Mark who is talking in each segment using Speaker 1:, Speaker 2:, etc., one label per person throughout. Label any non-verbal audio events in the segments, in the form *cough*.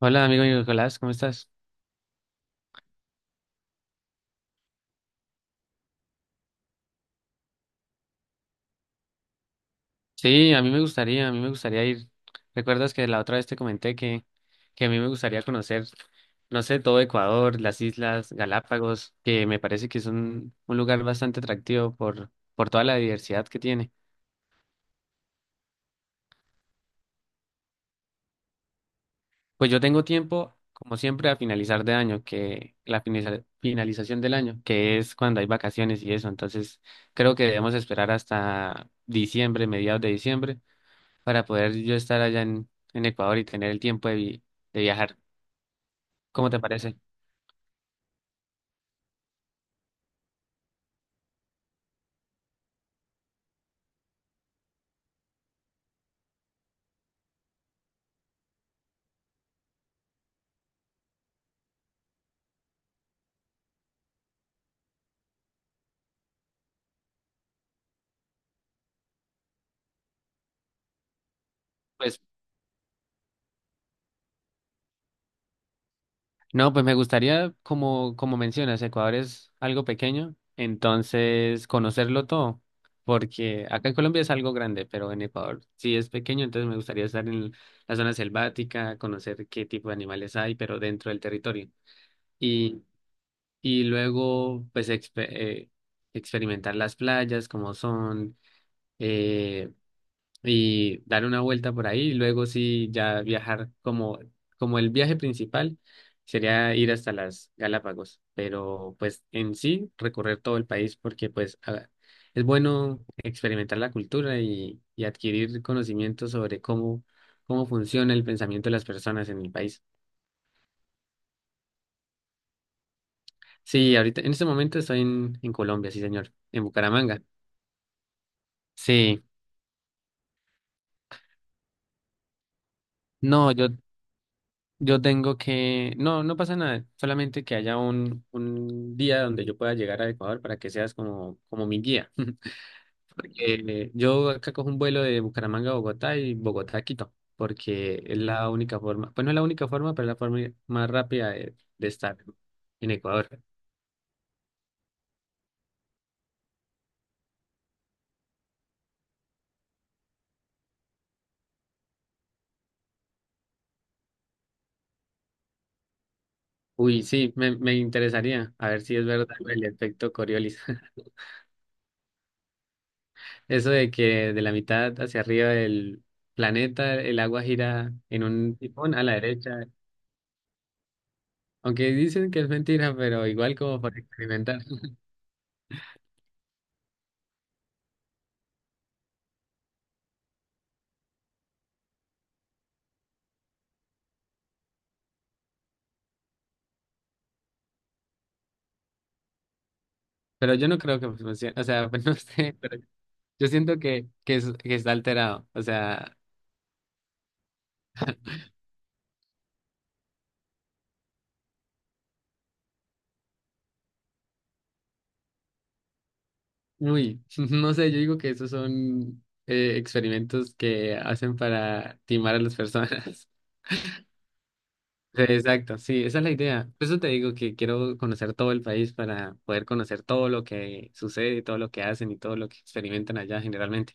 Speaker 1: Hola, amigo Nicolás, ¿cómo estás? Sí, a mí me gustaría, ir. ¿Recuerdas que la otra vez te comenté que a mí me gustaría conocer, no sé, todo Ecuador, las islas Galápagos, que me parece que es un lugar bastante atractivo por toda la diversidad que tiene? Pues yo tengo tiempo, como siempre, a finalizar de año, que la finalización del año, que es cuando hay vacaciones y eso. Entonces, creo que debemos esperar hasta diciembre, mediados de diciembre para poder yo estar en Ecuador y tener el tiempo de viajar. ¿Cómo te parece? Pues no, pues me gustaría, como, como mencionas, Ecuador es algo pequeño, entonces conocerlo todo, porque acá en Colombia es algo grande, pero en Ecuador sí es pequeño, entonces me gustaría estar en la zona selvática, conocer qué tipo de animales hay, pero dentro del territorio. Y, y luego, pues, experimentar las playas, como son. eh, y dar una vuelta por ahí y luego sí ya viajar como, como el viaje principal sería ir hasta las Galápagos, pero pues en sí recorrer todo el país porque es bueno experimentar la cultura y adquirir conocimiento sobre cómo, cómo funciona el pensamiento de las personas en el país. Sí, ahorita en este momento en Colombia, sí señor, en Bucaramanga. Sí, no, yo tengo que, no, no pasa nada, solamente que haya un día donde yo pueda llegar a Ecuador para que seas como, como mi guía. *laughs* Porque yo acá cojo un vuelo de Bucaramanga a Bogotá y Bogotá a Quito, porque es la única forma, pues no es la única forma, pero es la forma más rápida de estar en Ecuador. Uy, sí, me interesaría, a ver si es verdad el efecto Coriolis. *laughs* Eso de que de la mitad hacia arriba del planeta el agua gira en un tifón a la derecha. Aunque dicen que es mentira, pero igual como para experimentar. Pero yo no creo que funcione. O sea, *laughs* pues no sé, pero yo siento que está alterado. O sea, uy, *laughs* no sé, yo digo que esos son experimentos que hacen para timar a las personas. *laughs* Sí, exacto, sí, esa es la idea. Por eso te digo que quiero conocer todo el país para poder conocer todo lo que sucede, todo lo que hacen y todo lo que experimentan allá generalmente.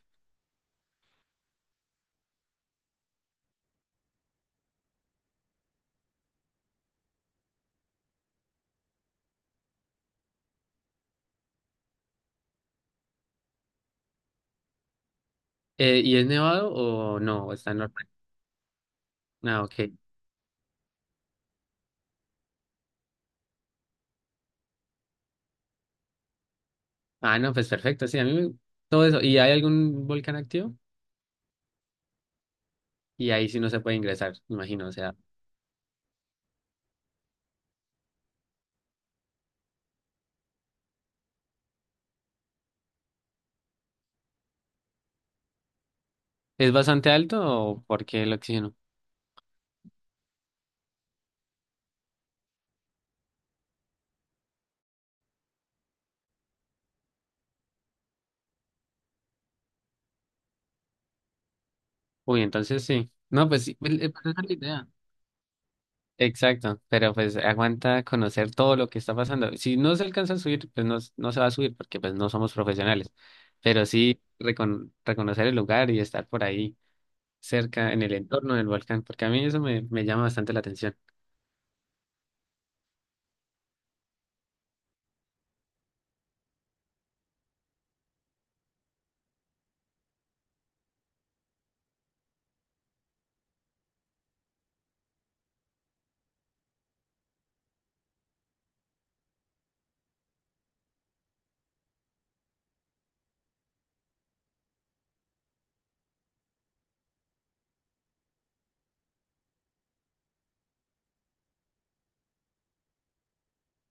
Speaker 1: ¿Y es nevado o no? ¿O está normal? Ah, ok. Ah, no, pues perfecto, sí, todo eso. ¿Y hay algún volcán activo? Y ahí sí no se puede ingresar, me imagino, o sea, ¿es bastante alto o por qué el oxígeno? Uy, entonces sí. No, pues sí, pues, esa es la idea. Exacto, pero pues aguanta conocer todo lo que está pasando. Si no se alcanza a subir, pues no, no se va a subir porque pues no somos profesionales, pero sí reconocer el lugar y estar por ahí cerca en el entorno del volcán, porque a mí eso me, me llama bastante la atención.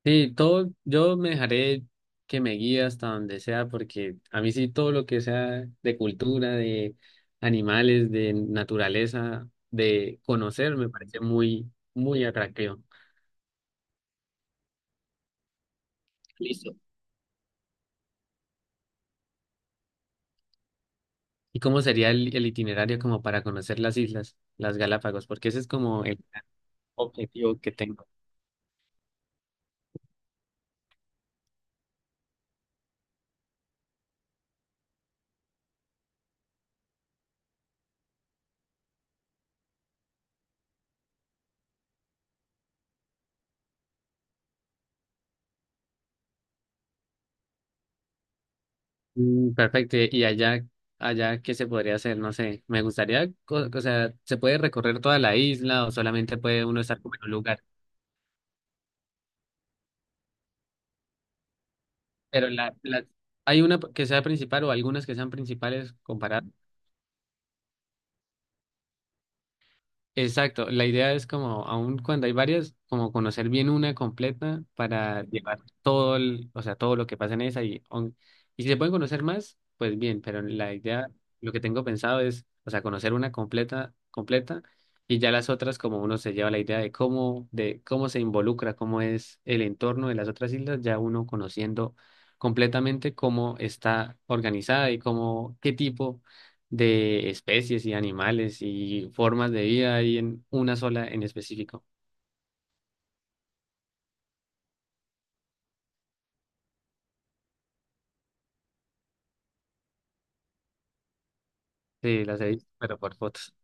Speaker 1: Sí, todo, yo me dejaré que me guíe hasta donde sea, porque a mí sí todo lo que sea de cultura, de animales, de naturaleza, de conocer, me parece muy, muy atractivo. Listo. ¿Y cómo sería el itinerario como para conocer las islas, las Galápagos? Porque ese es como el gran objetivo que tengo. Mm, perfecto. ¿Y allá, allá qué se podría hacer? No sé. Me gustaría, o sea, ¿se puede recorrer toda la isla o solamente puede uno estar como en un lugar? Pero hay una que sea principal o algunas que sean principales comparadas. Exacto, la idea es como, aun cuando hay varias, como conocer bien una completa para llevar todo el, o sea, todo lo que pasa en esa y si se pueden conocer más, pues bien, pero la idea, lo que tengo pensado es, o sea, conocer una completa, completa y ya las otras como uno se lleva la idea de cómo se involucra, cómo es el entorno de las otras islas, ya uno conociendo completamente cómo está organizada y cómo, qué tipo de especies y animales y formas de vida ahí en una sola en específico. Sí, las he visto, pero por fotos.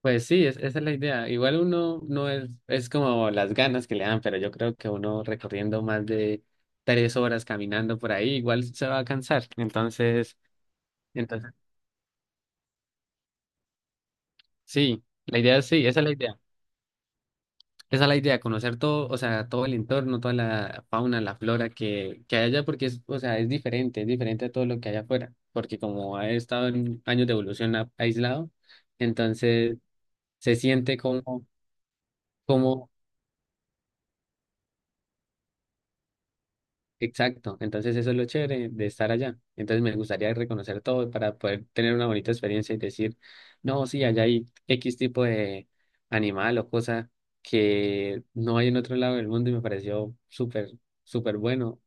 Speaker 1: Pues sí, es, esa es la idea. Igual uno no es, es como las ganas que le dan, pero yo creo que uno recorriendo más de 3 horas caminando por ahí, igual se va a cansar. Entonces, sí, la idea es sí, esa es la idea. Esa es la idea, conocer todo, o sea, todo el entorno, toda la fauna, la flora que hay allá, porque es, o sea, es diferente a todo lo que hay afuera, porque como ha estado en años de evolución aislado, entonces se siente como, como, exacto, entonces eso es lo chévere de estar allá, entonces me gustaría reconocer todo para poder tener una bonita experiencia y decir, no, sí, allá hay X tipo de animal o cosa que no hay en otro lado del mundo y me pareció súper súper bueno.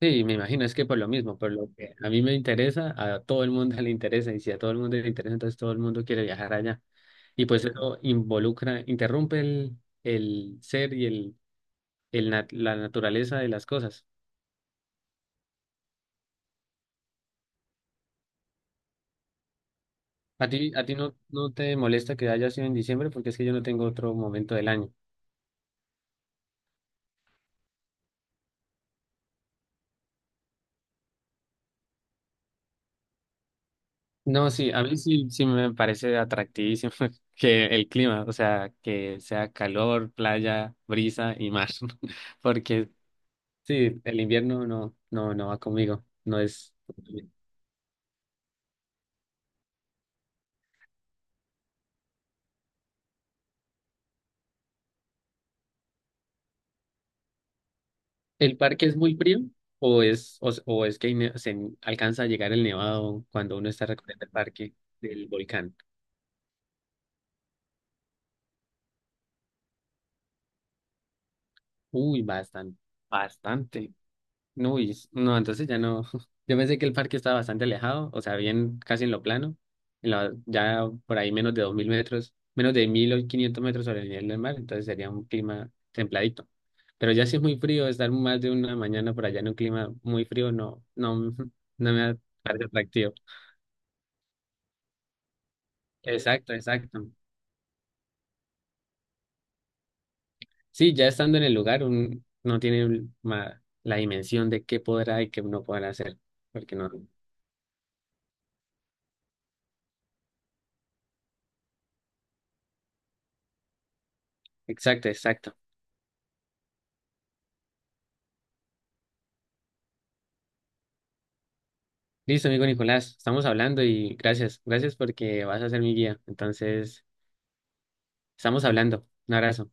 Speaker 1: Sí, me imagino, es que por lo mismo, por lo que a mí me interesa, a todo el mundo *laughs* le interesa, y si a todo el mundo le interesa, entonces todo el mundo quiere viajar allá. Y pues eso involucra, interrumpe el ser y la naturaleza de las cosas. A ti no, no te molesta que haya sido en diciembre, porque es que yo no tengo otro momento del año. No, sí, a mí sí, sí me parece atractivísimo *laughs* que el clima, o sea, que sea calor, playa, brisa y mar, *laughs* porque sí, el invierno no, no, no va conmigo. No es. ¿El parque es muy frío o es que se alcanza a llegar el nevado cuando uno está recorriendo el parque del volcán? Uy, bastante, bastante. No, uy, no, entonces ya no. *laughs* Yo pensé que el parque estaba bastante alejado, o sea, bien casi en lo plano, ya por ahí menos de 2.000 metros, menos de 1.500 metros sobre el nivel del mar, entonces sería un clima templadito. Pero ya si es muy frío, estar más de una mañana por allá en un clima muy frío, no, no, *laughs* no me parece atractivo. Exacto, exacto. Sí, ya estando en el lugar, un, no tiene la dimensión de qué podrá y qué no podrá hacer, porque no. Exacto, exacto. Listo, amigo Nicolás, estamos hablando y gracias, gracias porque vas a ser mi guía. Entonces, estamos hablando. Un abrazo.